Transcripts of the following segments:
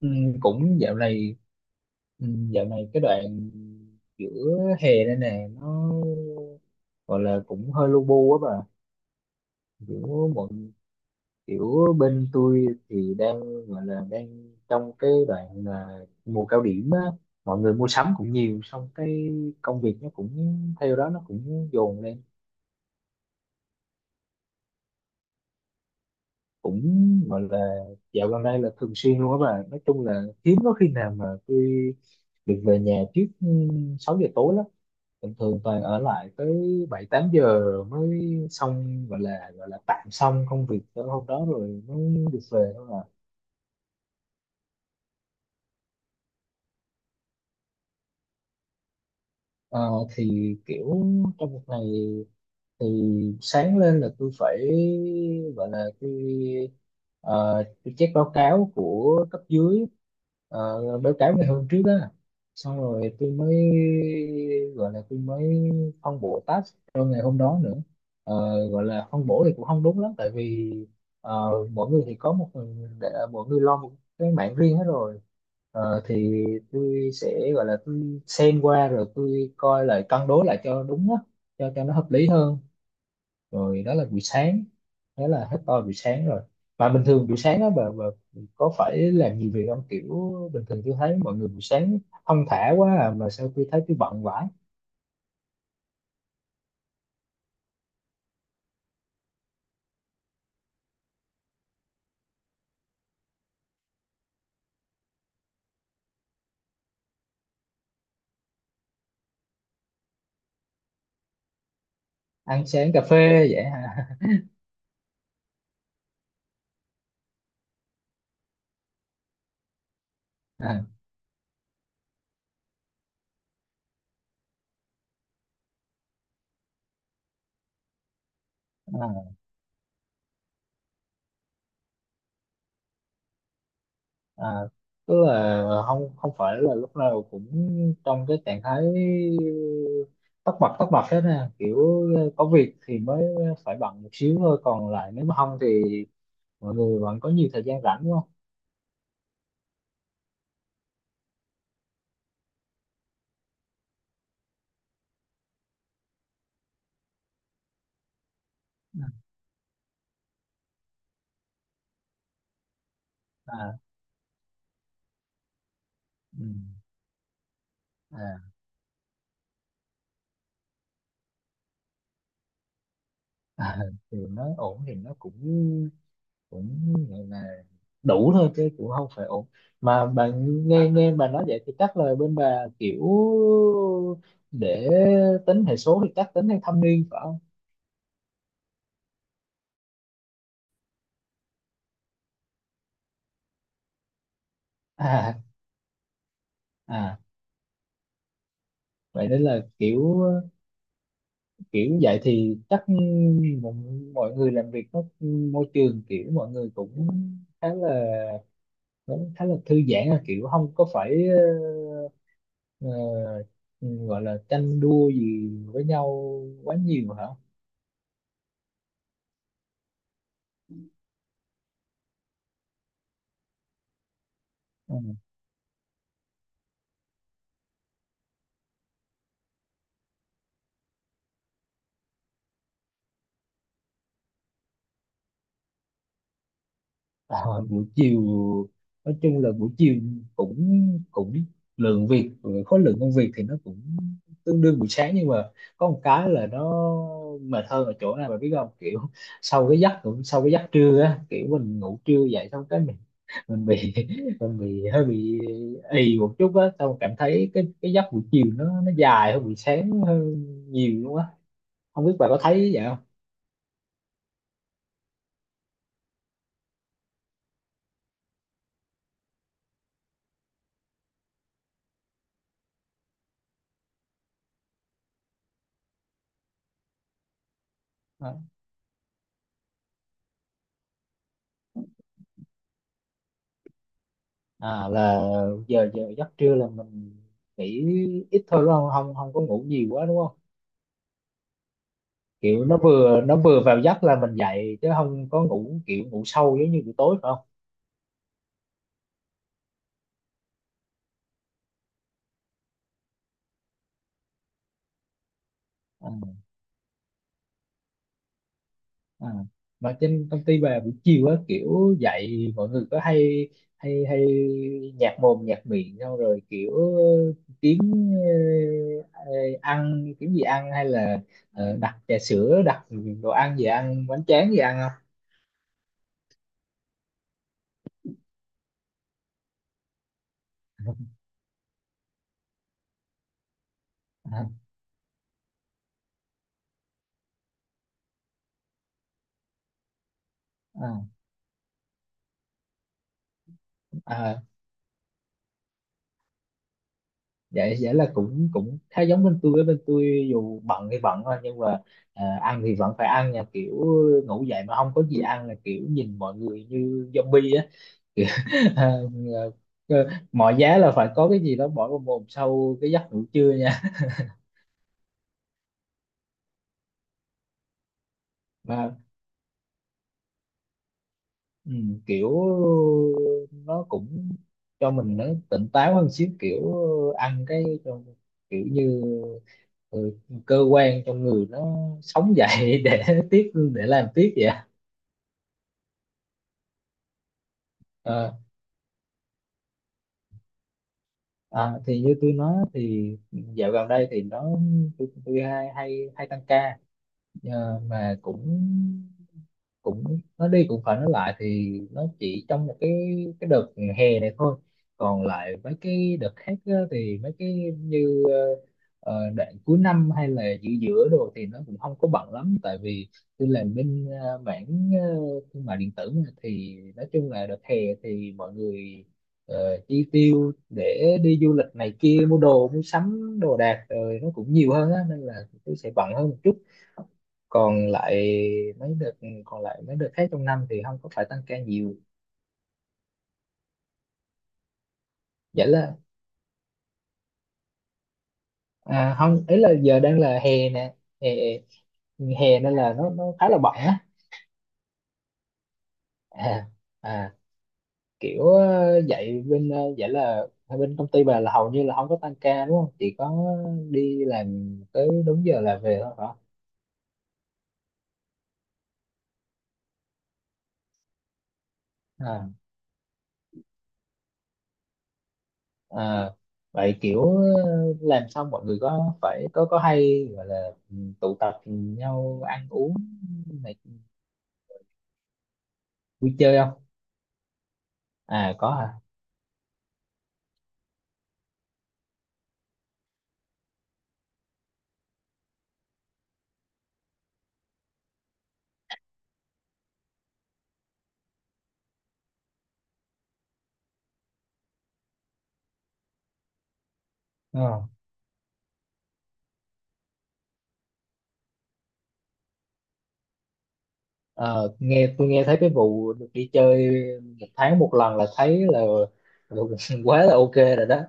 Ừ, cũng dạo này ừ, dạo này cái đoạn giữa hè đây nè nó gọi là cũng hơi lu bu á bà. kiểu mọi Kiểu bên tôi thì đang gọi là đang trong cái đoạn là mùa cao điểm á, mọi người mua sắm cũng nhiều, xong cái công việc nó cũng theo đó nó cũng dồn lên, cũng gọi là dạo gần đây là thường xuyên luôn á bà. Nói chung là hiếm có khi nào mà tôi được về nhà trước 6 giờ tối lắm, thường thường toàn ở lại tới bảy tám giờ mới xong, gọi là tạm xong công việc tới hôm đó rồi mới được về thôi à. Ờ, thì kiểu trong một ngày thì sáng lên là tôi phải gọi là tôi ờ, tôi check báo cáo của cấp dưới, báo cáo ngày hôm trước á, xong rồi tôi mới gọi là tôi mới phân bổ task cho ngày hôm đó nữa. Ờ, Gọi là phân bổ thì cũng không đúng lắm, tại vì mỗi người thì có mỗi người lo một cái mảng riêng hết rồi. Thì tôi sẽ gọi là tôi xem qua rồi tôi coi lại cân đối lại cho đúng á, cho nó hợp lý hơn. Rồi đó là buổi sáng, đó là hết to buổi sáng rồi. Mà bình thường buổi sáng đó bà có phải làm nhiều việc không? Kiểu bình thường tôi thấy mọi người buổi sáng thong thả quá à, mà sao tôi thấy tôi bận vãi. Ăn sáng cà phê vậy hả? à, à, tức là không không phải là lúc nào cũng trong cái trạng thái tất bật hết nè, kiểu có việc thì mới phải bận một xíu thôi, còn lại nếu mà không thì mọi người vẫn có nhiều thời gian rảnh đúng không? À, à, ừ, à. À, thì nó ổn thì nó cũng cũng gọi là đủ thôi chứ cũng không phải ổn, mà bạn nghe nghe bà nói vậy thì chắc là bên bà kiểu để tính hệ số thì chắc tính theo thâm niên phải không? À, à, vậy nên là kiểu kiểu vậy thì chắc mọi, mọi người làm việc nó, môi trường kiểu mọi người cũng khá là khá là thư giãn, là kiểu không có phải ờ, gọi là tranh đua gì với nhau quá nhiều hả? Ừ. À, buổi chiều nói chung là buổi chiều cũng cũng lượng việc khối lượng công việc thì nó cũng tương đương buổi sáng, nhưng mà có một cái là nó mệt hơn ở chỗ này bà biết không, kiểu sau cái giấc cũng sau cái giấc trưa á, kiểu mình ngủ trưa dậy xong cái mình bị mình bị hơi bị ì một chút á, xong cảm thấy cái giấc buổi chiều nó dài hơn buổi sáng hơn nhiều luôn á, không biết bà có thấy vậy không? Ờ. À, là giờ giờ giấc trưa là mình nghỉ ít thôi đúng không, không có ngủ nhiều quá đúng không? Kiểu nó vừa vào giấc là mình dậy, chứ không có ngủ kiểu ngủ sâu giống như buổi tối phải không? À, à. Mà trên công ty bà buổi chiều á kiểu dậy mọi người có hay hay hay nhạt mồm nhạt miệng, xong rồi kiểu kiếm ờ, ăn, kiếm gì ăn hay là đặt trà sữa, đặt đồ ăn gì ăn bánh tráng gì ăn không? À, à, à, vậy vậy là cũng cũng khá giống bên tôi. Với bên tôi dù bận thì bận thôi, nhưng mà à, ăn thì vẫn phải ăn nha, kiểu ngủ dậy mà không có gì ăn là kiểu nhìn mọi người như zombie á. Kiểu, à, mọi giá là phải có cái gì đó bỏ vào mồm sau cái giấc ngủ trưa nha. Mà ừ, kiểu nó cũng cho mình nó tỉnh táo hơn xíu, kiểu ăn cái cho- kiểu như ừ, cơ quan trong người nó sống dậy để tiếp để làm tiếp vậy. Ờ, À, thì như tôi nói thì dạo gần đây thì nó tôi hay hay hay tăng ca. Mà cũng cũng nó đi cũng phải nói lại thì nó chỉ trong một cái đợt hè này thôi, còn lại mấy cái đợt khác á, thì mấy cái như đoạn cuối năm hay là giữa giữa đồ thì nó cũng không có bận lắm, tại vì tôi làm bên mảng thương mại điện tử mà, thì nói chung là đợt hè thì mọi người chi tiêu để đi du lịch này kia, mua đồ mua sắm đồ đạc rồi nó cũng nhiều hơn á nên là tôi sẽ bận hơn một chút. Còn lại còn lại mấy đợt khác trong năm thì không có phải tăng ca nhiều. Vậy là à, không, ấy là giờ đang là hè nè, hè hè nên là nó khá là bận á. À, à kiểu dạy bên vậy là bên công ty bà là hầu như là không có tăng ca đúng không, chỉ có đi làm tới đúng giờ là về thôi hả? À, à, vậy kiểu làm xong mọi người có phải có hay gọi là tụ tập nhau ăn uống này vui chơi không? À có hả? Ờ, Ờ, nghe Tôi nghe thấy cái vụ được đi chơi một tháng một lần là thấy là quá là ok rồi đó.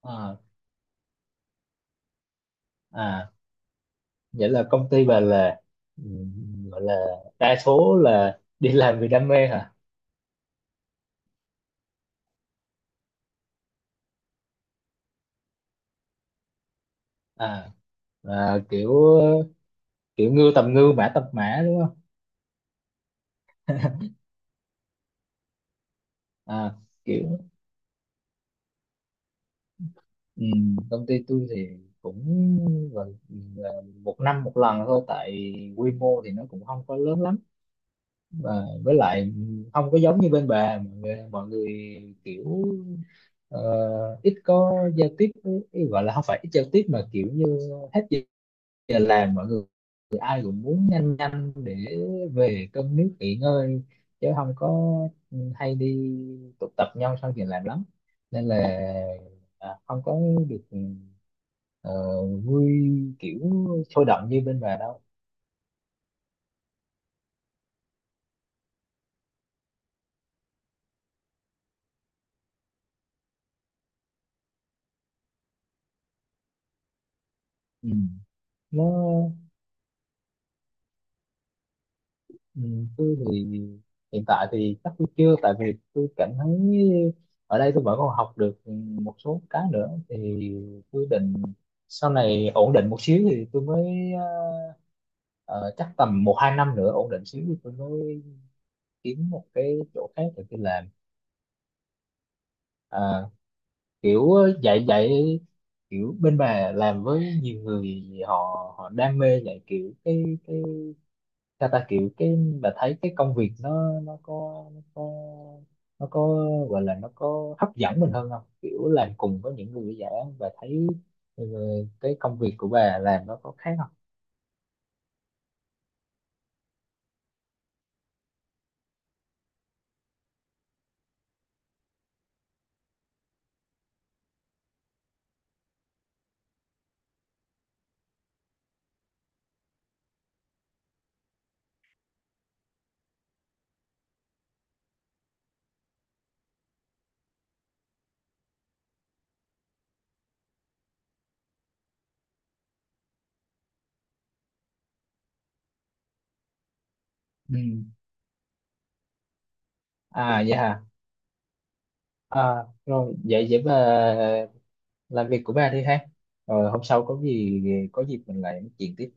Ờ, À vậy là công ty bà là ừ, gọi là đa số là đi làm vì đam mê hả? À, à kiểu kiểu ngư tầm ngư mã tầm mã đúng không? À kiểu ừ, công ty tôi thì cũng gọi là một năm một lần thôi, tại quy mô thì nó cũng không có lớn lắm, và với lại không có giống như bên bà, mọi người kiểu ờ, ít có giao tiếp ý gọi là không phải ít giao tiếp, mà kiểu như hết giờ giờ làm mọi người ai cũng muốn nhanh nhanh để về cơm nước nghỉ ngơi, chứ không có hay đi tụ tập nhau sau giờ làm lắm, nên là à, không có được ờ, vui kiểu sôi động như bên bà đâu. Ừ. nó Ừ, tôi thì hiện tại thì chắc tôi chưa, tại vì tôi cảm thấy ở đây tôi vẫn còn học được một số cái nữa thì tôi định sau này ổn định một xíu thì tôi mới ờ, chắc tầm một hai năm nữa ổn định xíu thì tôi mới kiếm một cái chỗ khác để tôi làm. Ờ, Kiểu dạy dạy kiểu bên bà làm với nhiều người họ họ đam mê dạy, kiểu cái sao ta, kiểu cái bà thấy cái công việc nó có gọi là nó có hấp dẫn mình hơn không, kiểu làm cùng với những người giả và thấy ừ, cái công việc của bà làm nó có khác không? Ừ. À vậy hả? À, rồi vậy vậy bà làm việc của bà đi ha, rồi hôm sau có gì có dịp mình lại nói chuyện tiếp.